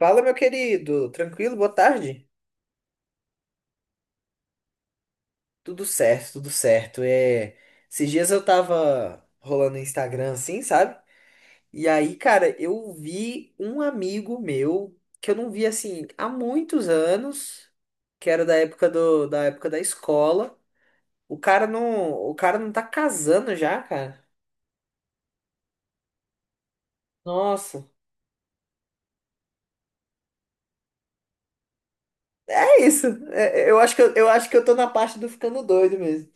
Fala, meu querido. Tranquilo? Boa tarde. Tudo certo, tudo certo. Esses dias eu tava rolando no Instagram assim, sabe? E aí, cara, eu vi um amigo meu que eu não vi assim há muitos anos, que era da época da escola. O cara não tá casando já, cara. Nossa. É isso. Eu acho que eu acho que eu tô na parte do ficando doido mesmo.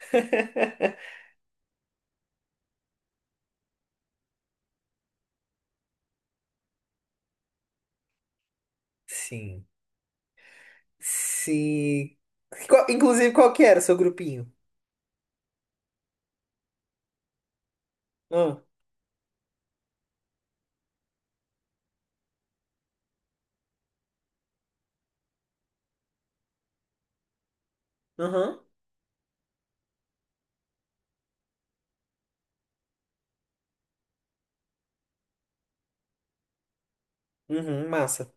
Sim. Se... Inclusive, qual que era o seu grupinho? Ah, aham. Uhum, massa.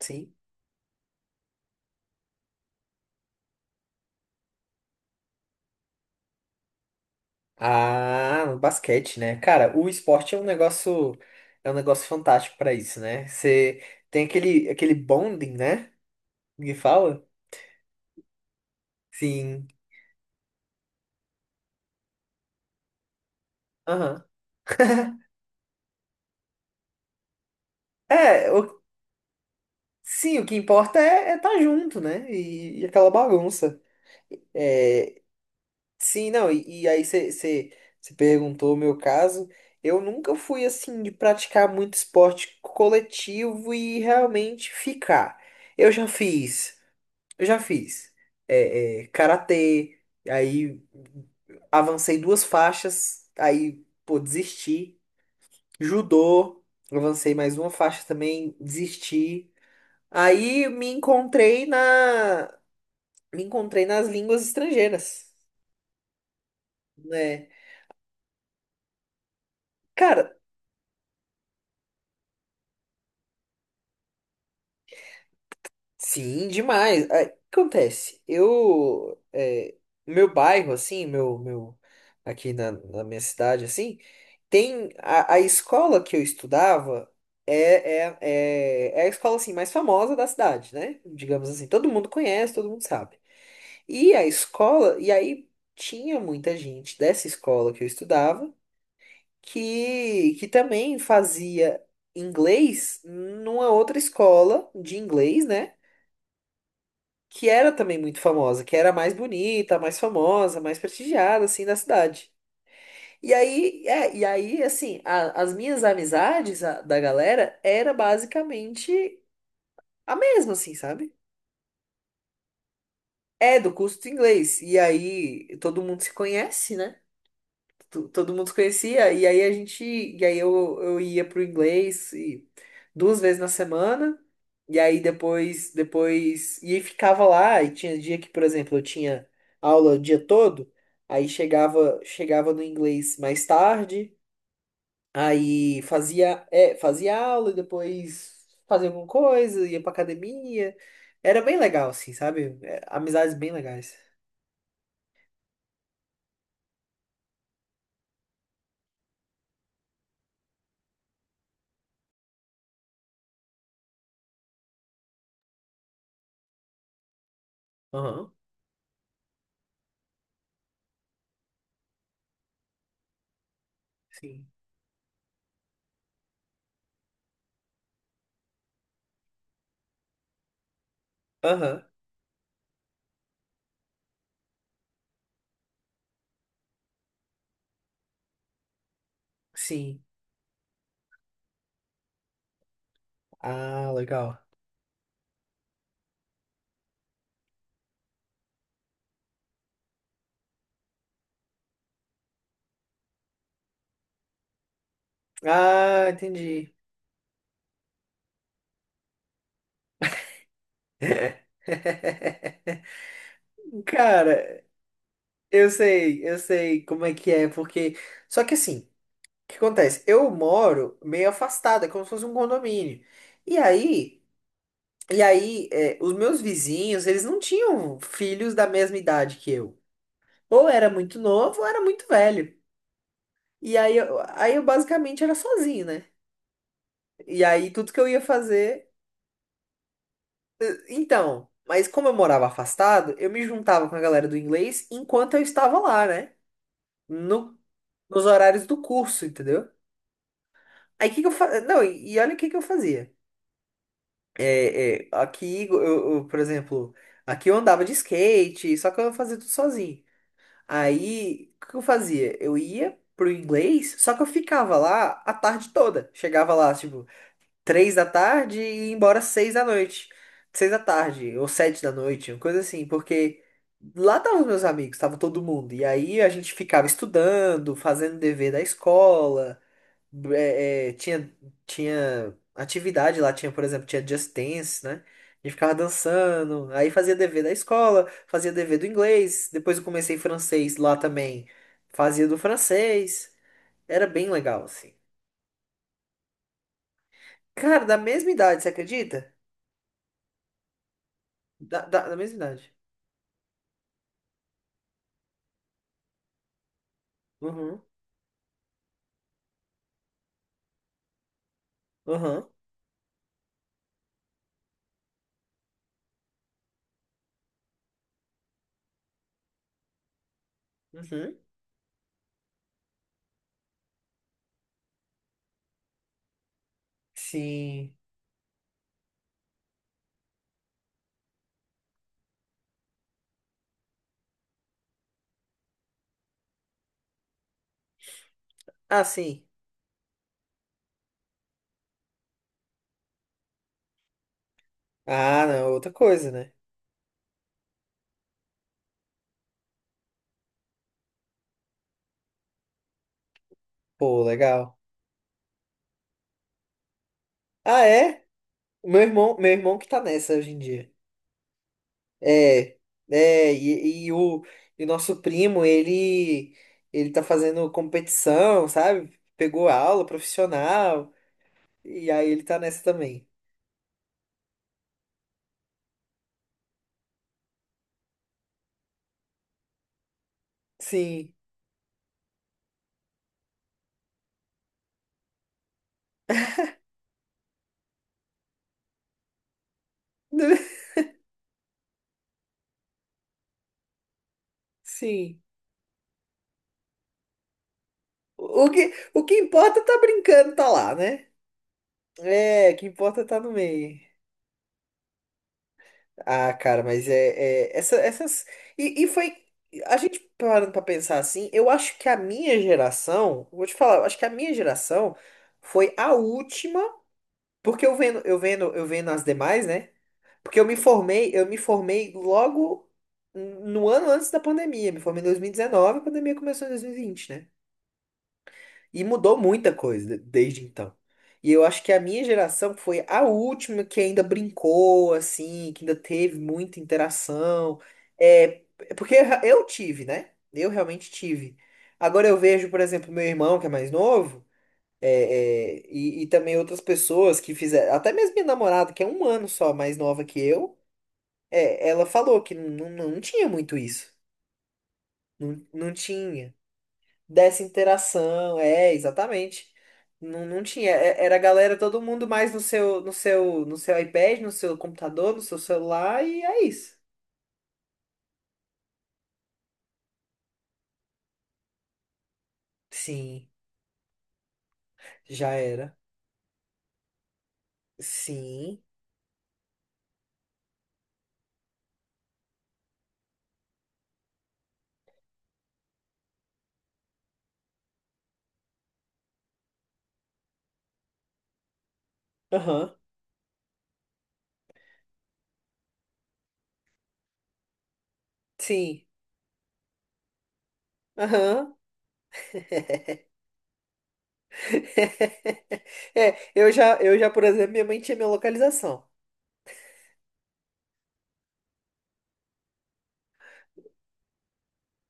Sim. Ah, no basquete, né? Cara, o esporte é um negócio fantástico pra isso, né? Você tem aquele bonding, né? Que fala? Sim. Aham. É, o- sim, o que importa é estar junto, né? E aquela bagunça. É, sim, não, e aí você perguntou o meu caso. Eu nunca fui assim de praticar muito esporte coletivo e realmente ficar. Eu já fiz, eu já fiz karatê, aí avancei duas faixas, aí pô, desisti. Judô, avancei mais uma faixa também, desisti. Aí me encontrei na, me encontrei nas línguas estrangeiras, né? Cara, sim, demais. Aí, o que acontece? Meu bairro, assim, aqui na minha cidade, assim, tem a escola que eu estudava é, é a escola, assim, mais famosa da cidade, né? Digamos assim, todo mundo conhece, todo mundo sabe. E a escola, e aí tinha muita gente dessa escola que eu estudava que também fazia inglês numa outra escola de inglês, né? Que era também muito famosa, que era a mais bonita, a mais famosa, a mais prestigiada, assim, da cidade. E aí, assim, as minhas amizades da galera era basicamente a mesma, assim, sabe? É do curso de inglês. E aí, todo mundo se conhece, né? Todo mundo se conhecia, e aí a gente, e aí eu ia pro inglês e, duas vezes na semana, e aí depois, e aí ficava lá, e tinha dia que, por exemplo, eu tinha aula o dia todo, aí chegava no inglês mais tarde, aí fazia aula, e depois fazia alguma coisa, ia pra academia, era bem legal, assim, sabe? É, amizades bem legais. Aham, sim. Aham, sim. Ah, legal. Ah, entendi. Cara, eu sei como é que é, porque. Só que assim, o que acontece? Eu moro meio afastado, é como se fosse um condomínio. E aí, e aí, é, os meus vizinhos, eles não tinham filhos da mesma idade que eu. Ou era muito novo, ou era muito velho. E aí, aí eu basicamente era sozinho, né? E aí, tudo que eu ia fazer. Então, mas como eu morava afastado, eu me juntava com a galera do inglês enquanto eu estava lá, né? No Nos horários do curso, entendeu? Aí o que que eu fa... Não, e olha o que que eu fazia. É, é, aqui, eu, eu, por exemplo, aqui eu andava de skate, só que eu fazia tudo sozinho. Aí, o que que eu fazia? Eu ia pro inglês, só que eu ficava lá a tarde toda. Chegava lá, tipo, três da tarde e ia embora seis da noite. Seis da tarde, ou sete da noite, uma coisa assim, porque lá estavam os meus amigos, tava todo mundo. E aí a gente ficava estudando, fazendo dever da escola. é, é, tinha, Tinha atividade lá, tinha, por exemplo, tinha Just Dance, né? A gente ficava dançando, aí fazia dever da escola, fazia dever do inglês, depois eu comecei francês lá também, fazia do francês, era bem legal, assim. Cara, da mesma idade, você acredita? Da mesma idade. Uhum, uhum, uhum. Sim. Ah, sim. Ah, não, é outra coisa, né? Pô, legal. Ah, é? Meu irmão que tá nessa hoje em dia. É, é, e, e o, e o nosso primo, ele tá fazendo competição, sabe? Pegou aula profissional, e aí ele tá nessa também. Sim, sim. O que importa tá brincando, tá lá, né? É, o que importa tá no meio. Ah, cara, essas. E foi. A gente parando pra pensar assim, eu acho que a minha geração, vou te falar, eu acho que a minha geração foi a última. Porque eu vendo as demais, né? Porque eu me formei logo no ano antes da pandemia. Me formei em 2019, a pandemia começou em 2020, né? E mudou muita coisa desde então. E eu acho que a minha geração foi a última que ainda brincou, assim, que ainda teve muita interação. É, é porque eu tive, né? Eu realmente tive. Agora eu vejo, por exemplo, meu irmão, que é mais novo. E também outras pessoas que fizeram, até mesmo minha namorada, que é um ano só mais nova que eu, é, ela falou que não, não tinha muito isso. Não, não tinha. Dessa interação, é, exatamente. Não, não tinha. É- Era a galera, todo mundo mais no seu iPad, no seu computador, no seu celular, e é isso. Sim, já era. Sim. Aham. Sim. Aham. É, eu já, por exemplo, minha mãe tinha minha localização.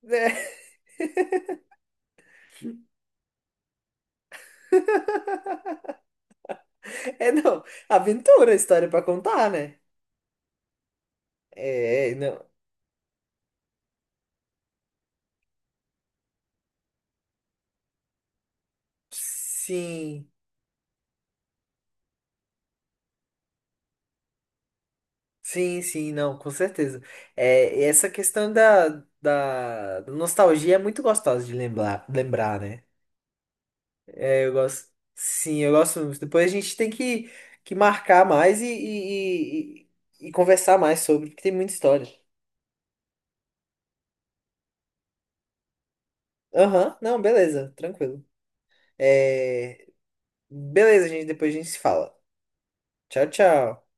É, é, não, aventura, história pra contar, né? É, não. Sim, sim, sim, não, com certeza. É, e essa questão da da nostalgia é muito gostosa de lembrar, né? É, eu gosto. Sim, eu gosto muito. Depois a gente tem que marcar mais e conversar mais sobre, porque tem muita história. Aham, não, beleza, tranquilo. É. Beleza, gente. Depois a gente se fala. Tchau, tchau.